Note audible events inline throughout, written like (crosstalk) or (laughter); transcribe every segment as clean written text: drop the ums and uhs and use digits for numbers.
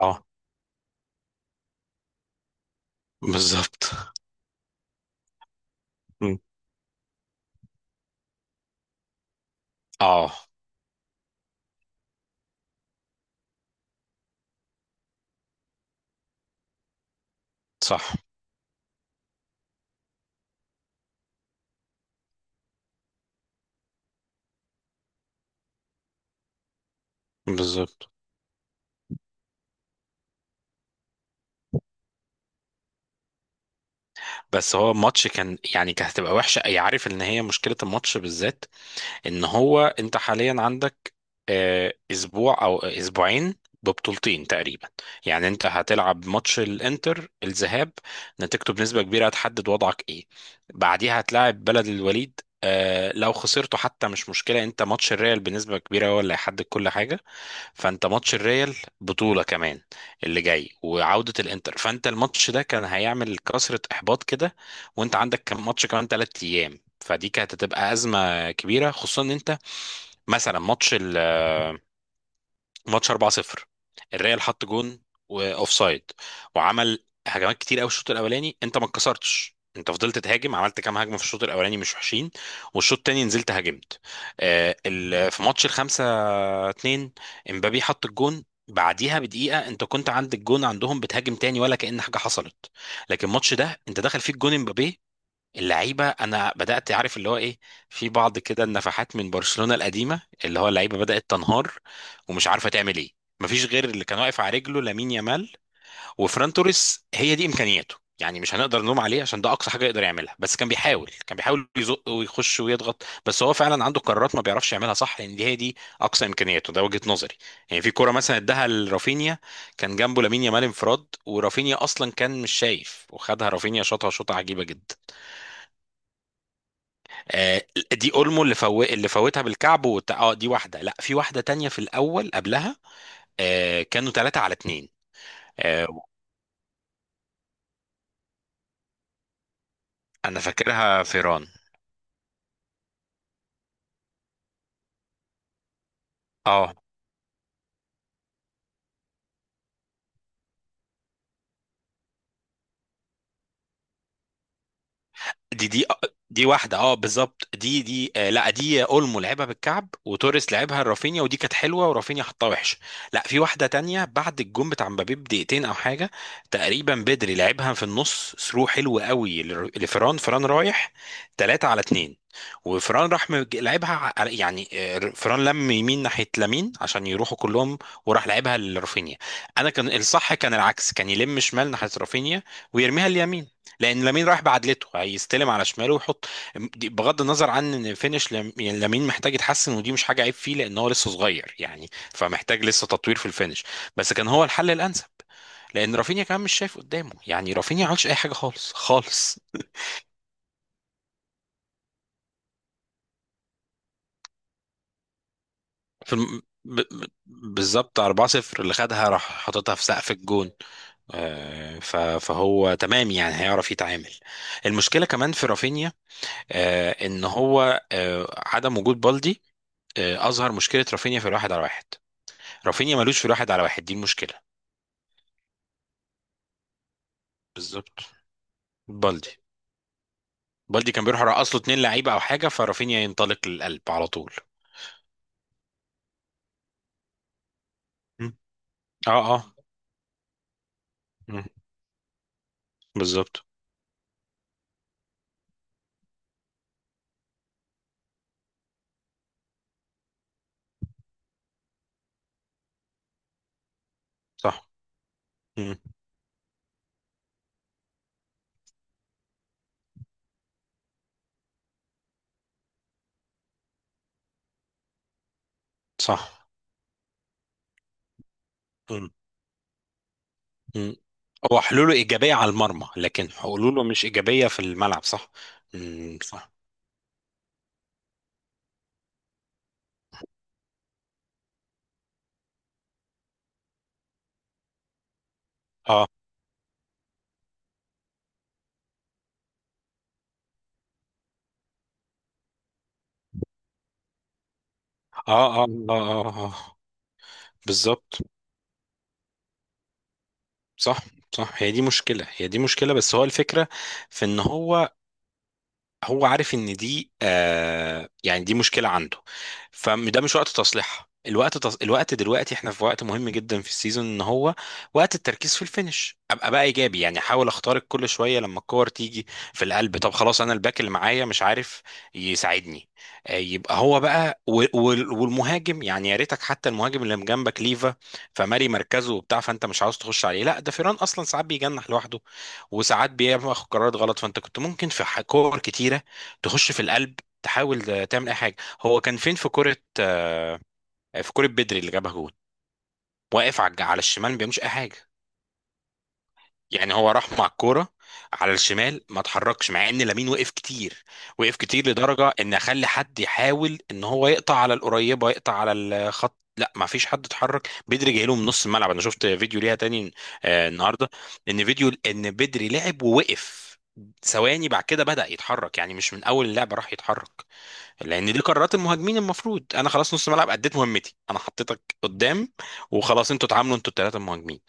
اه، بالظبط. مم. اه، صح. بالظبط، بس هو الماتش كان يعني كانت هتبقى وحشه، اي عارف ان هي مشكله الماتش بالذات ان هو انت حاليا عندك اسبوع او اسبوعين، ببطولتين تقريبا. يعني انت هتلعب ماتش الانتر الذهاب، نتيجته بنسبه كبيره هتحدد وضعك ايه. بعديها هتلاعب بلد الوليد، آه لو خسرته حتى مش مشكله، انت ماتش الريال بنسبه كبيره هو اللي هيحدد كل حاجه. فانت ماتش الريال بطولة كمان اللي جاي وعودة الانتر، فانت الماتش ده كان هيعمل كسرة احباط كده، وانت عندك كم ماتش كمان ثلاث ايام، فدي كانت هتبقى أزمة كبيرة، خصوصا ان انت مثلا ماتش ال آه، ماتش 4-0، الريال حط جون واوف سايد، وعمل هجمات كتير قوي الشوط الاولاني، انت ما اتكسرتش، انت فضلت تهاجم، عملت كام هجمه في الشوط الاولاني مش وحشين. والشوط التاني نزلت هاجمت، في ماتش الخمسة اتنين امبابي حط الجون، بعديها بدقيقة انت كنت عند الجون عندهم بتهاجم تاني ولا كأن حاجة حصلت. لكن الماتش ده انت دخل فيه الجون امبابي، اللعيبة انا بدأت عارف اللي هو ايه، في بعض كده النفحات من برشلونة القديمة، اللي هو اللعيبة بدأت تنهار ومش عارفة تعمل ايه. مفيش غير اللي كان واقف على رجله لامين يامال وفران توريس. هي دي امكانياته، يعني مش هنقدر نلوم عليه عشان ده اقصى حاجه يقدر يعملها، بس كان بيحاول، كان بيحاول يزق ويخش ويضغط، بس هو فعلا عنده قرارات ما بيعرفش يعملها صح، لان دي هي دي اقصى امكانياته، ده وجهه نظري. يعني في كوره مثلا اداها لرافينيا، كان جنبه لامين يامال انفراد، ورافينيا اصلا كان مش شايف وخدها رافينيا شاطها شوطه عجيبه جدا. آه، دي اولمو اللي فوتها بالكعب اه دي واحده، لا في واحده تانية في الاول قبلها. كانوا ثلاثة على اتنين. آه، انا فاكرها فيران. اه دي دي دي واحده اه بالظبط، دي دي آه لا دي اولمو لعبها بالكعب وتوريس لعبها لرافينيا، ودي كانت حلوه ورافينيا حطها وحش. لا في واحده تانية بعد الجون بتاع مبابي بدقيقتين او حاجه تقريبا، بدري لعبها في النص ثرو حلو قوي لفران، فران رايح 3 على 2، وفران لعبها على يعني فران لم يمين ناحيه لامين عشان يروحوا كلهم، وراح لعبها لرافينيا. انا كان الصح كان العكس، كان يلم شمال ناحيه رافينيا ويرميها اليمين، لان لامين رايح بعدلته هيستلم على شماله ويحط. بغض النظر عن ان يعني لامين محتاج يتحسن، ودي مش حاجه عيب فيه لان هو لسه صغير، يعني فمحتاج لسه تطوير في الفينش. بس كان هو الحل الانسب، لان رافينيا كمان مش شايف قدامه، يعني رافينيا ما عملش اي حاجه خالص خالص (laughs) في الم... ب... ب- بالظبط 4-0 اللي خدها راح حاططها في سقف الجون. فهو تمام، يعني هيعرف يتعامل. المشكله كمان في رافينيا، ان هو عدم وجود بالدي اظهر مشكله رافينيا في الواحد على واحد. رافينيا ملوش في الواحد على واحد، دي المشكله. بالظبط. بالدي، بالدي كان بيروح رقص له اتنين لعيبه او حاجه، فرافينيا ينطلق للقلب على طول. مم. اه، اه. مم. بالظبط. صح. مم. صح. مم. مم. هو حلوله ايجابيه على المرمى، لكن حلوله مش ايجابيه في الملعب، صح. مم. صح. اه، اه، اه، اه، اه آه. بالظبط. صح. صح، هي دي مشكله، هي دي مشكله، بس هو الفكره في ان هو، هو عارف ان دي آه يعني دي مشكله عنده، فده مش وقت تصليحها، الوقت دلوقتي احنا في وقت مهم جدا في السيزون، ان هو وقت التركيز في الفينش، ابقى بقى ايجابي، يعني احاول اخترق كل شويه لما الكور تيجي في القلب. طب خلاص انا الباك اللي معايا مش عارف يساعدني، آه يبقى هو بقى والمهاجم، يعني يا ريتك حتى المهاجم اللي جنبك ليفا فماري مركزه وبتاع، فانت مش عاوز تخش عليه، لا ده فيران اصلا ساعات بيجنح لوحده وساعات بياخد قرارات غلط، فانت كنت ممكن في كور كتيره تخش في القلب تحاول تعمل اي حاجه. هو كان فين في كره في كره بدري اللي جابها جول، واقف على على الشمال ما بيعملش اي حاجه. يعني هو راح مع الكوره على الشمال ما اتحركش، مع ان لامين وقف كتير، وقف كتير لدرجه ان اخلي حد يحاول ان هو يقطع على القريبه يقطع على الخط، لا ما فيش حد اتحرك. بدري جاي له من نص الملعب، انا شفت فيديو ليها تاني النهارده، ان فيديو ان بدري لعب ووقف ثواني بعد كده بدأ يتحرك، يعني مش من اول اللعبه راح يتحرك، لان دي قرارات المهاجمين. المفروض انا خلاص نص ملعب اديت مهمتي، انا حطيتك قدام وخلاص، انتوا اتعاملوا انتوا الثلاثه مهاجمين.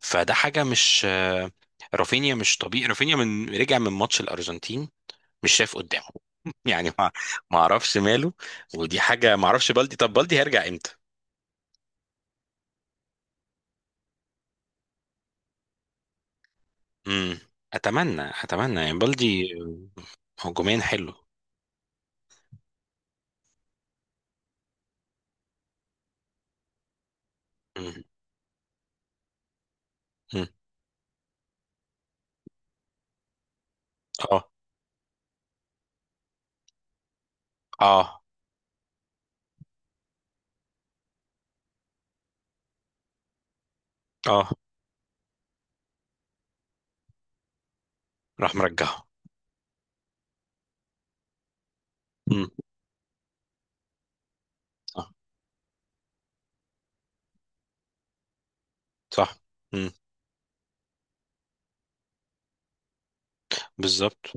فده حاجه مش رافينيا مش طبيعي، رافينيا من رجع من ماتش الارجنتين مش شايف قدامه (laughs) يعني ما ما اعرفش ماله، ودي حاجه ما اعرفش. بالدي، طب بالدي هيرجع امتى؟ امم، اتمنى اتمنى يعني بالدي. هجوميا حلو. مم. مم. اه. اه. اه. راح مرجعه. مم. آه. صح. مم. بالظبط.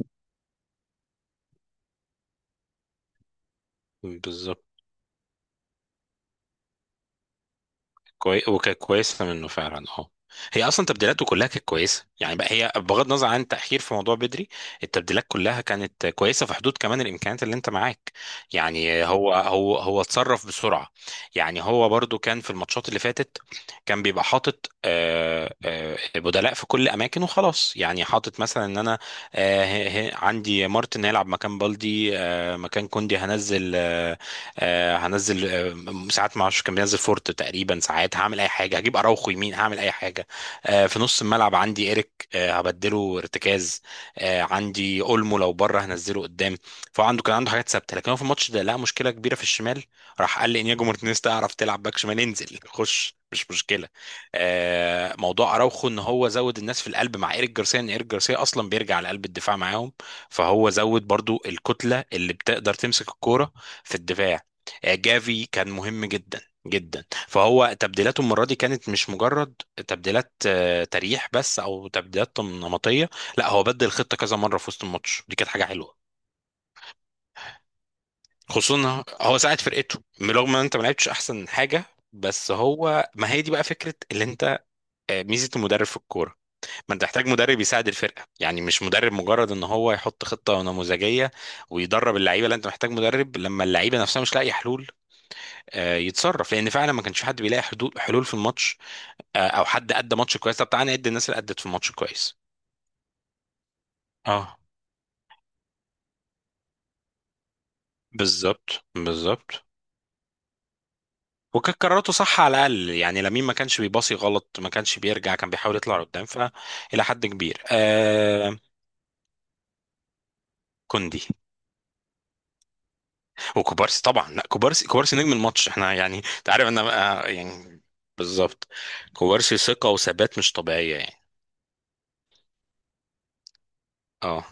بالظبط. وكانت كويسه منه فعلا اه. هي اصلا تبديلاته كلها كانت كويسه يعني، بقى هي بغض النظر عن تاخير في موضوع بدري، التبديلات كلها كانت كويسه في حدود كمان الامكانيات اللي انت معاك. يعني هو هو هو اتصرف بسرعه، يعني هو برضو كان في الماتشات اللي فاتت كان بيبقى حاطط بدلاء في كل اماكن وخلاص، يعني حاطط مثلا ان انا عندي مارتن هيلعب مكان بالدي، مكان كوندي هنزل هنزل ساعات ما اعرفش كان بينزل فورت تقريبا، ساعات هعمل اي حاجه هجيب اراوخو يمين، هعمل اي حاجه في نص الملعب عندي ايريك، هبدله ارتكاز، عندي اولمو لو بره هنزله قدام. فهو عنده كان عنده حاجات ثابته، لكن هو في الماتش ده لقى مشكله كبيره في الشمال، راح قال لانياجو مارتينيز تعرف تلعب باك شمال، انزل خش مش مشكله. موضوع اراوخو ان هو زود الناس في القلب مع ايريك جارسيا، ان ايريك جارسيا اصلا بيرجع لقلب الدفاع معاهم، فهو زود برضو الكتله اللي بتقدر تمسك الكوره في الدفاع. جافي كان مهم جدا جدا. فهو تبديلاته المره دي كانت مش مجرد تبديلات تريح بس او تبديلات نمطيه، لا هو بدل الخطه كذا مره في وسط الماتش، دي كانت حاجه حلوه. خصوصا إن هو ساعد فرقته رغم ان انت ما لعبتش احسن حاجه. بس هو ما هي دي بقى فكره اللي انت ميزه المدرب في الكوره، ما انت تحتاج مدرب يساعد الفرقه، يعني مش مدرب مجرد ان هو يحط خطه نموذجيه ويدرب اللعيبه، لا انت محتاج مدرب لما اللعيبه نفسها مش لاقي حلول يتصرف، لان فعلا ما كانش حد بيلاقي حدود حلول في الماتش او حد ادى ماتش كويس. طب تعالى نعد الناس اللي ادت في الماتش كويس. اه بالظبط، بالظبط. وكانت قراراته صح على الاقل يعني لمين، ما كانش بيباصي غلط، ما كانش بيرجع، كان بيحاول يطلع قدام، فالى حد كبير آه. كوندي وكوبارسي طبعا، لا كوبارسي، كوبارسي نجم الماتش، احنا يعني انت عارف انا يعني بالظبط. كوبارسي ثقة وثبات مش طبيعية يعني. اه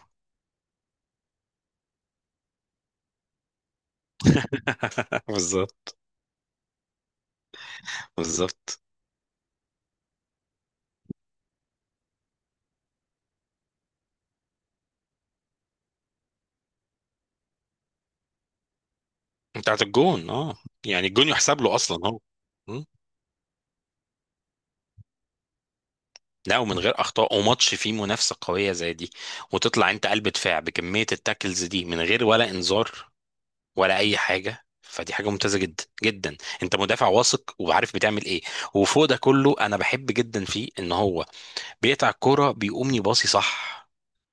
(laughs) بالظبط، بالظبط. بتاعت الجون اه. يعني الجون يحسب له اصلا هو. م؟ لا ومن غير اخطاء، وماتش فيه منافسه قويه زي دي، وتطلع انت قلب دفاع بكميه التاكلز دي من غير ولا انذار ولا اي حاجه، فدي حاجه ممتازه جدا جدا. انت مدافع واثق وعارف بتعمل ايه. وفوق ده كله انا بحب جدا فيه ان هو بيقطع الكوره بيقوم يباصي صح،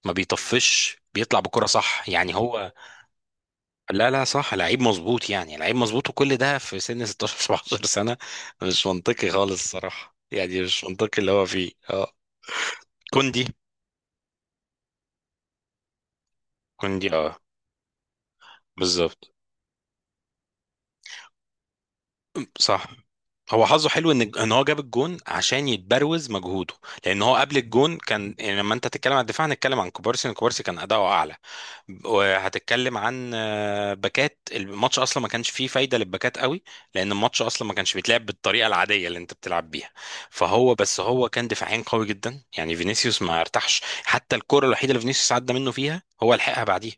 ما بيطفش، بيطلع بكرة صح، يعني هو. لا لا صح، لعيب مظبوط، يعني لعيب مظبوط، وكل ده في سن 16 17 سنة، مش منطقي خالص الصراحة، يعني مش منطقي اللي هو فيه اه. كوندي. كوندي اه، بالظبط صح. هو حظه حلو ان ان هو جاب الجون عشان يتبروز مجهوده، لان هو قبل الجون كان يعني، لما انت تتكلم عن الدفاع هنتكلم عن كوبارسي، إن كوبارسي كان اداؤه اعلى، وهتتكلم عن باكات الماتش اصلا ما كانش فيه فايده للباكات قوي، لان الماتش اصلا ما كانش بيتلعب بالطريقه العاديه اللي انت بتلعب بيها. فهو بس هو كان دفاعيا قوي جدا، يعني فينيسيوس ما ارتاحش، حتى الكره الوحيده اللي فينيسيوس عدى منه فيها هو لحقها بعديها.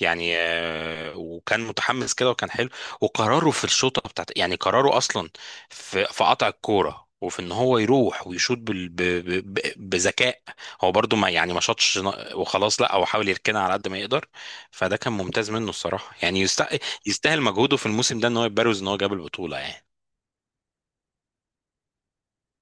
يعني وكان متحمس كده وكان حلو. وقراره في الشوطه بتاعت يعني، قراره اصلا في في قطع الكوره وفي ان هو يروح ويشوط بال... ب... ب... ب- بذكاء، هو برضو ما يعني ما شاطش ن- وخلاص، لا هو حاول يركنها على قد ما يقدر. فده كان ممتاز منه الصراحه، يعني يستاهل مجهوده في الموسم ده ان هو يبرز، ان هو جاب البطوله يعني.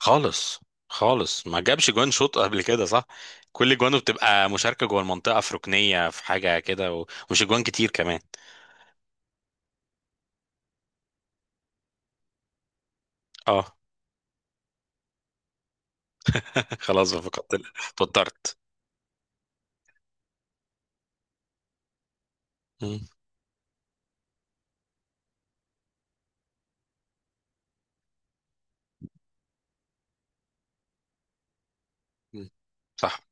خالص، خالص ما جابش جوان شوط قبل كده صح. كل جوانه بتبقى مشاركه جوه المنطقه في ركنيه في حاجه كده ومش جوان كتير كمان. اه (laughs) خلاص فقدت توترت. مم. مم. صح.